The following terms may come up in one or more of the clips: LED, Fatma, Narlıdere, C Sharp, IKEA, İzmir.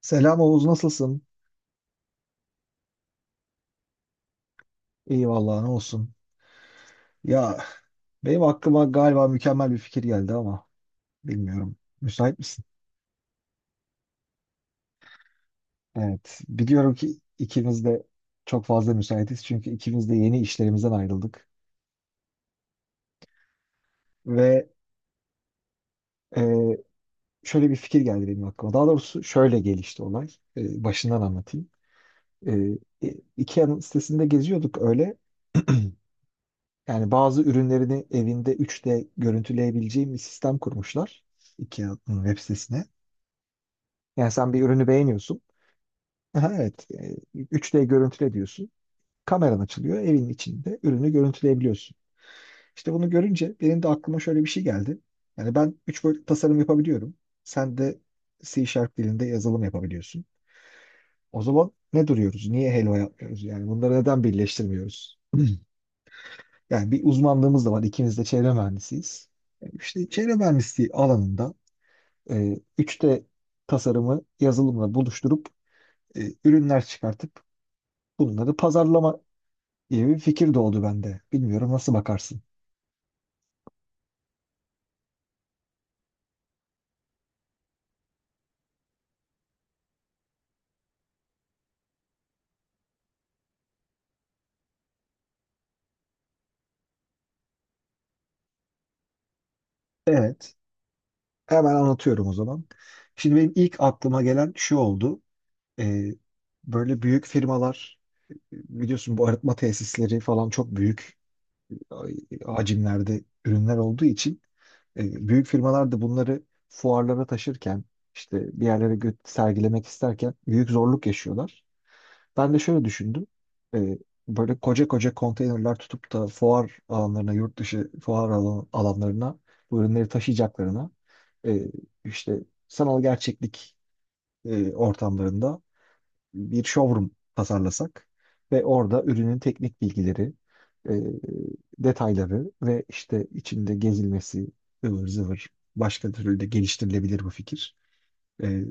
Selam Oğuz, nasılsın? İyi vallahi, ne olsun. Ya benim aklıma galiba mükemmel bir fikir geldi ama bilmiyorum. Müsait misin? Evet. Biliyorum ki ikimiz de çok fazla müsaitiz çünkü ikimiz de yeni işlerimizden ayrıldık. Ve e, şöyle bir fikir geldi benim aklıma. Daha doğrusu şöyle gelişti olay. Başından anlatayım. E, IKEA'nın sitesinde geziyorduk öyle. Yani bazı ürünlerini evinde 3D görüntüleyebileceğim bir sistem kurmuşlar. IKEA'nın web sitesine. Yani sen bir ürünü beğeniyorsun. Aha, evet. 3D görüntüle diyorsun. Kameran açılıyor. Evin içinde ürünü görüntüleyebiliyorsun. İşte bunu görünce benim de aklıma şöyle bir şey geldi. Yani ben 3 boyutlu tasarım yapabiliyorum. Sen de C Sharp dilinde yazılım yapabiliyorsun. O zaman ne duruyoruz? Niye helva yapmıyoruz? Yani bunları neden birleştirmiyoruz? Yani bir uzmanlığımız da var. İkimiz de çevre mühendisiyiz. İşte çevre mühendisliği alanında 3D tasarımı yazılımla buluşturup ürünler çıkartıp bunları pazarlama gibi bir fikir doğdu bende. Bilmiyorum nasıl bakarsın. Evet. Hemen anlatıyorum o zaman. Şimdi benim ilk aklıma gelen şu oldu. Ee, Böyle büyük firmalar, biliyorsun bu arıtma tesisleri falan çok büyük hacimlerde ürünler olduğu için büyük firmalar da bunları fuarlara taşırken işte bir yerlere sergilemek isterken büyük zorluk yaşıyorlar. Ben de şöyle düşündüm. Ee, Böyle koca koca konteynerler tutup da fuar alanlarına, yurt dışı fuar alanlarına bu ürünleri taşıyacaklarına e, işte sanal gerçeklik ortamlarında bir showroom tasarlasak ve orada ürünün teknik bilgileri, e, detayları ve işte içinde gezilmesi, ıvır zıvır, başka türlü de geliştirilebilir bu fikir, e,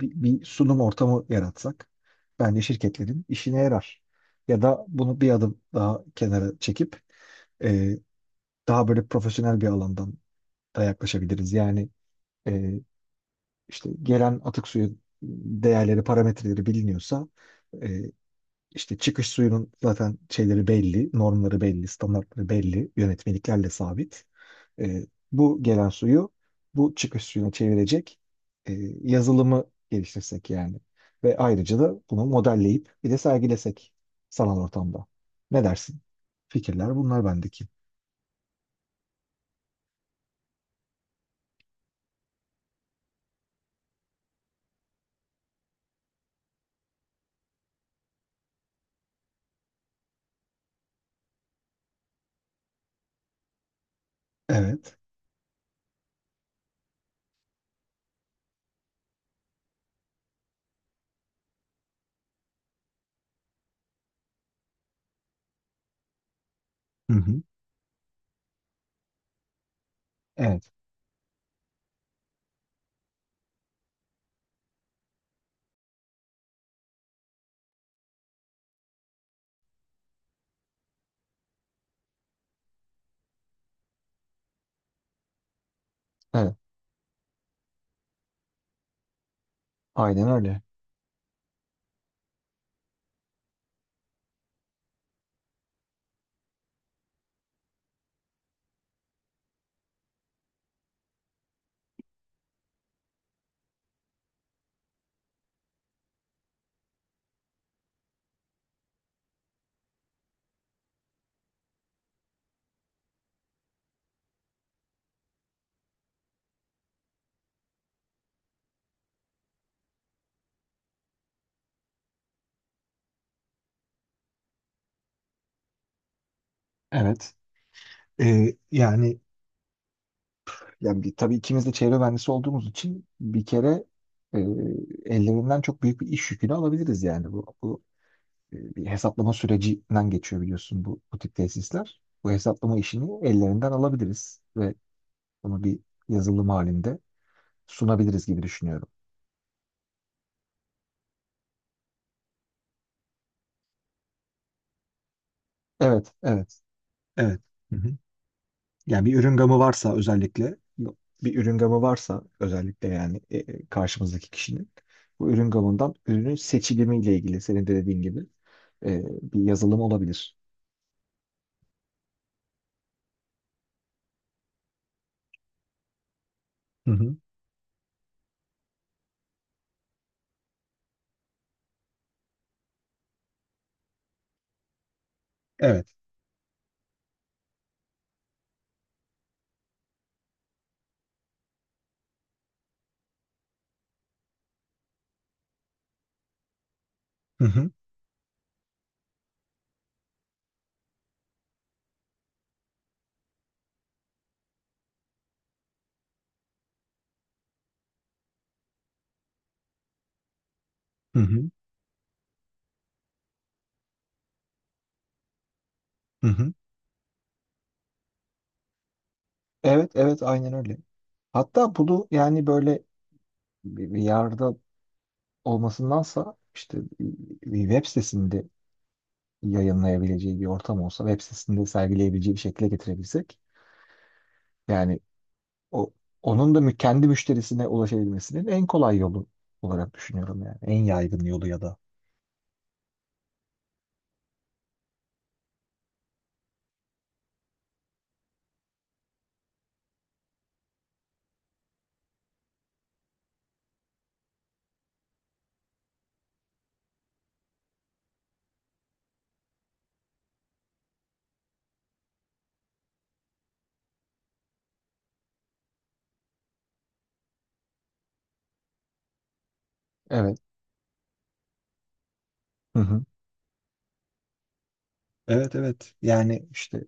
bir sunum ortamı yaratsak bence şirketlerin işine yarar. Ya da bunu bir adım daha kenara çekip e, daha böyle profesyonel bir alandan da yaklaşabiliriz. Yani e, işte gelen atık suyu değerleri, parametreleri biliniyorsa, e, işte çıkış suyunun zaten şeyleri belli, normları belli, standartları belli, yönetmeliklerle sabit. Ee, Bu gelen suyu bu çıkış suyuna çevirecek e, yazılımı geliştirsek yani. Ve ayrıca da bunu modelleyip bir de sergilesek sanal ortamda. Ne dersin? Fikirler bunlar bendeki. Evet. Hı hı. Evet. Evet. Aynen öyle. Evet. Ee, yani Yani tabii ikimiz de çevre mühendisi olduğumuz için bir kere e, ellerinden çok büyük bir iş yükünü alabiliriz yani. Bu bir hesaplama sürecinden geçiyor, biliyorsun bu tip tesisler. Bu hesaplama işini ellerinden alabiliriz ve bunu bir yazılım halinde sunabiliriz gibi düşünüyorum. Evet, evet, evet. Hı hı. Yani bir ürün gamı varsa özellikle Bir ürün gamı varsa özellikle yani, karşımızdaki kişinin bu ürün gamından ürünün seçilimiyle ilgili senin de dediğin gibi bir yazılım olabilir. Hı hı. Evet. Hı hı. Hı hı. Hı hı. Evet, evet, aynen öyle. Hatta bunu yani böyle bir yerde olmasındansa işte bir web sitesinde yayınlayabileceği bir ortam olsa, web sitesinde sergileyebileceği bir şekilde getirebilsek, yani O, onun da kendi müşterisine ulaşabilmesinin en kolay yolu olarak düşünüyorum yani. En yaygın yolu ya da. Evet. Hı hı. Evet, evet. Yani İşte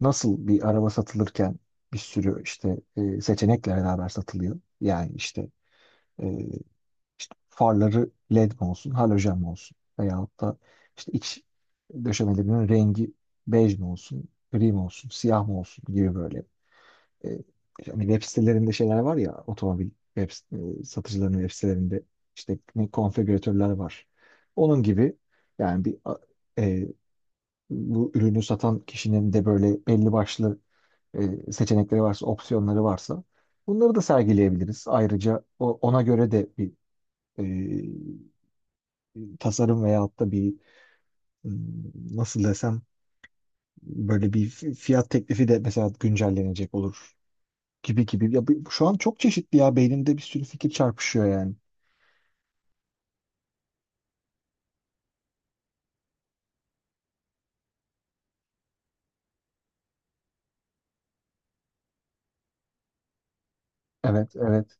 nasıl bir araba satılırken bir sürü işte seçenekle beraber satılıyor. Yani işte, e, işte farları LED mi olsun, halojen mi olsun, veyahut da işte iç döşemelerinin rengi bej mi olsun, gri mi olsun, siyah mı olsun gibi böyle. E, Hani web sitelerinde şeyler var ya, otomobil satıcılarının web sitelerinde işte konfigüratörler var. Onun gibi yani e, bu ürünü satan kişinin de böyle belli başlı seçenekleri varsa, opsiyonları varsa, bunları da sergileyebiliriz. Ayrıca ona göre de bir tasarım veyahut da bir, m, nasıl desem, böyle bir fiyat teklifi de mesela güncellenecek olur. Gibi gibi. Ya şu an çok çeşitli, ya beynimde bir sürü fikir çarpışıyor yani. Evet, evet.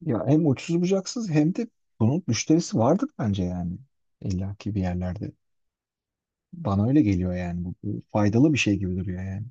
Ya hem uçsuz bucaksız hem de bunun müşterisi vardır bence yani. İlla bir yerlerde. Bana öyle geliyor yani. Bu faydalı bir şey gibi duruyor yani.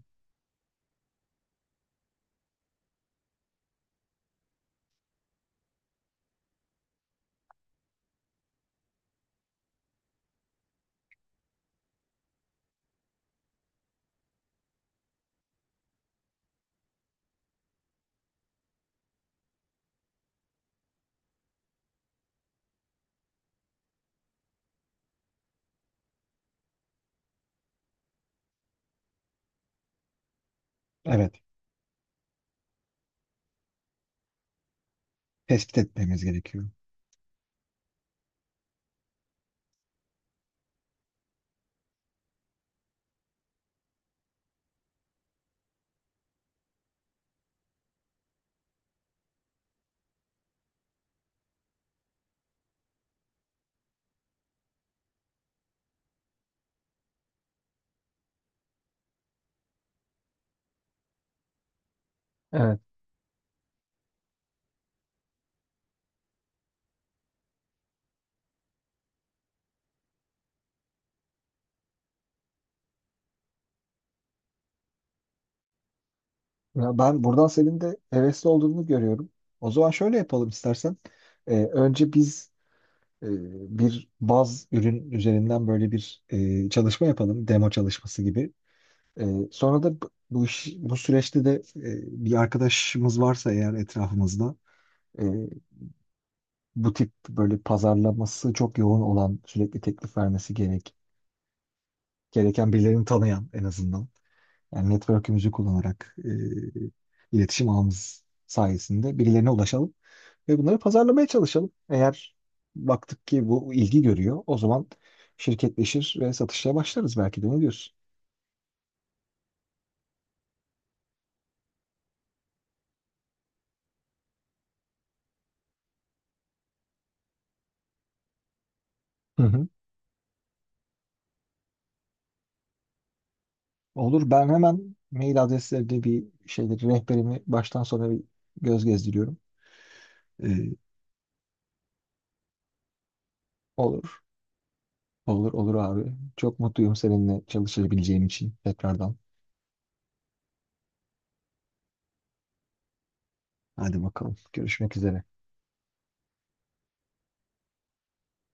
Evet. Tespit etmemiz gerekiyor. Evet. Ya ben buradan senin de hevesli olduğunu görüyorum. O zaman şöyle yapalım istersen. Önce biz e, bir baz ürün üzerinden böyle bir çalışma yapalım. Demo çalışması gibi. Ee, Sonra da bu iş, bu süreçte de bir arkadaşımız varsa eğer etrafımızda, e, bu tip böyle pazarlaması çok yoğun olan, sürekli teklif vermesi gereken birilerini tanıyan, en azından yani network'ümüzü kullanarak, iletişim ağımız sayesinde birilerine ulaşalım ve bunları pazarlamaya çalışalım. Eğer baktık ki bu ilgi görüyor, o zaman şirketleşir ve satışa başlarız belki de. Ne diyorsun? Olur. Ben hemen mail adreslerinde bir şeyleri, rehberimi baştan sona bir göz gezdiriyorum. Ee, olur. Olur olur abi. Çok mutluyum seninle çalışabileceğim için tekrardan. Hadi bakalım. Görüşmek üzere.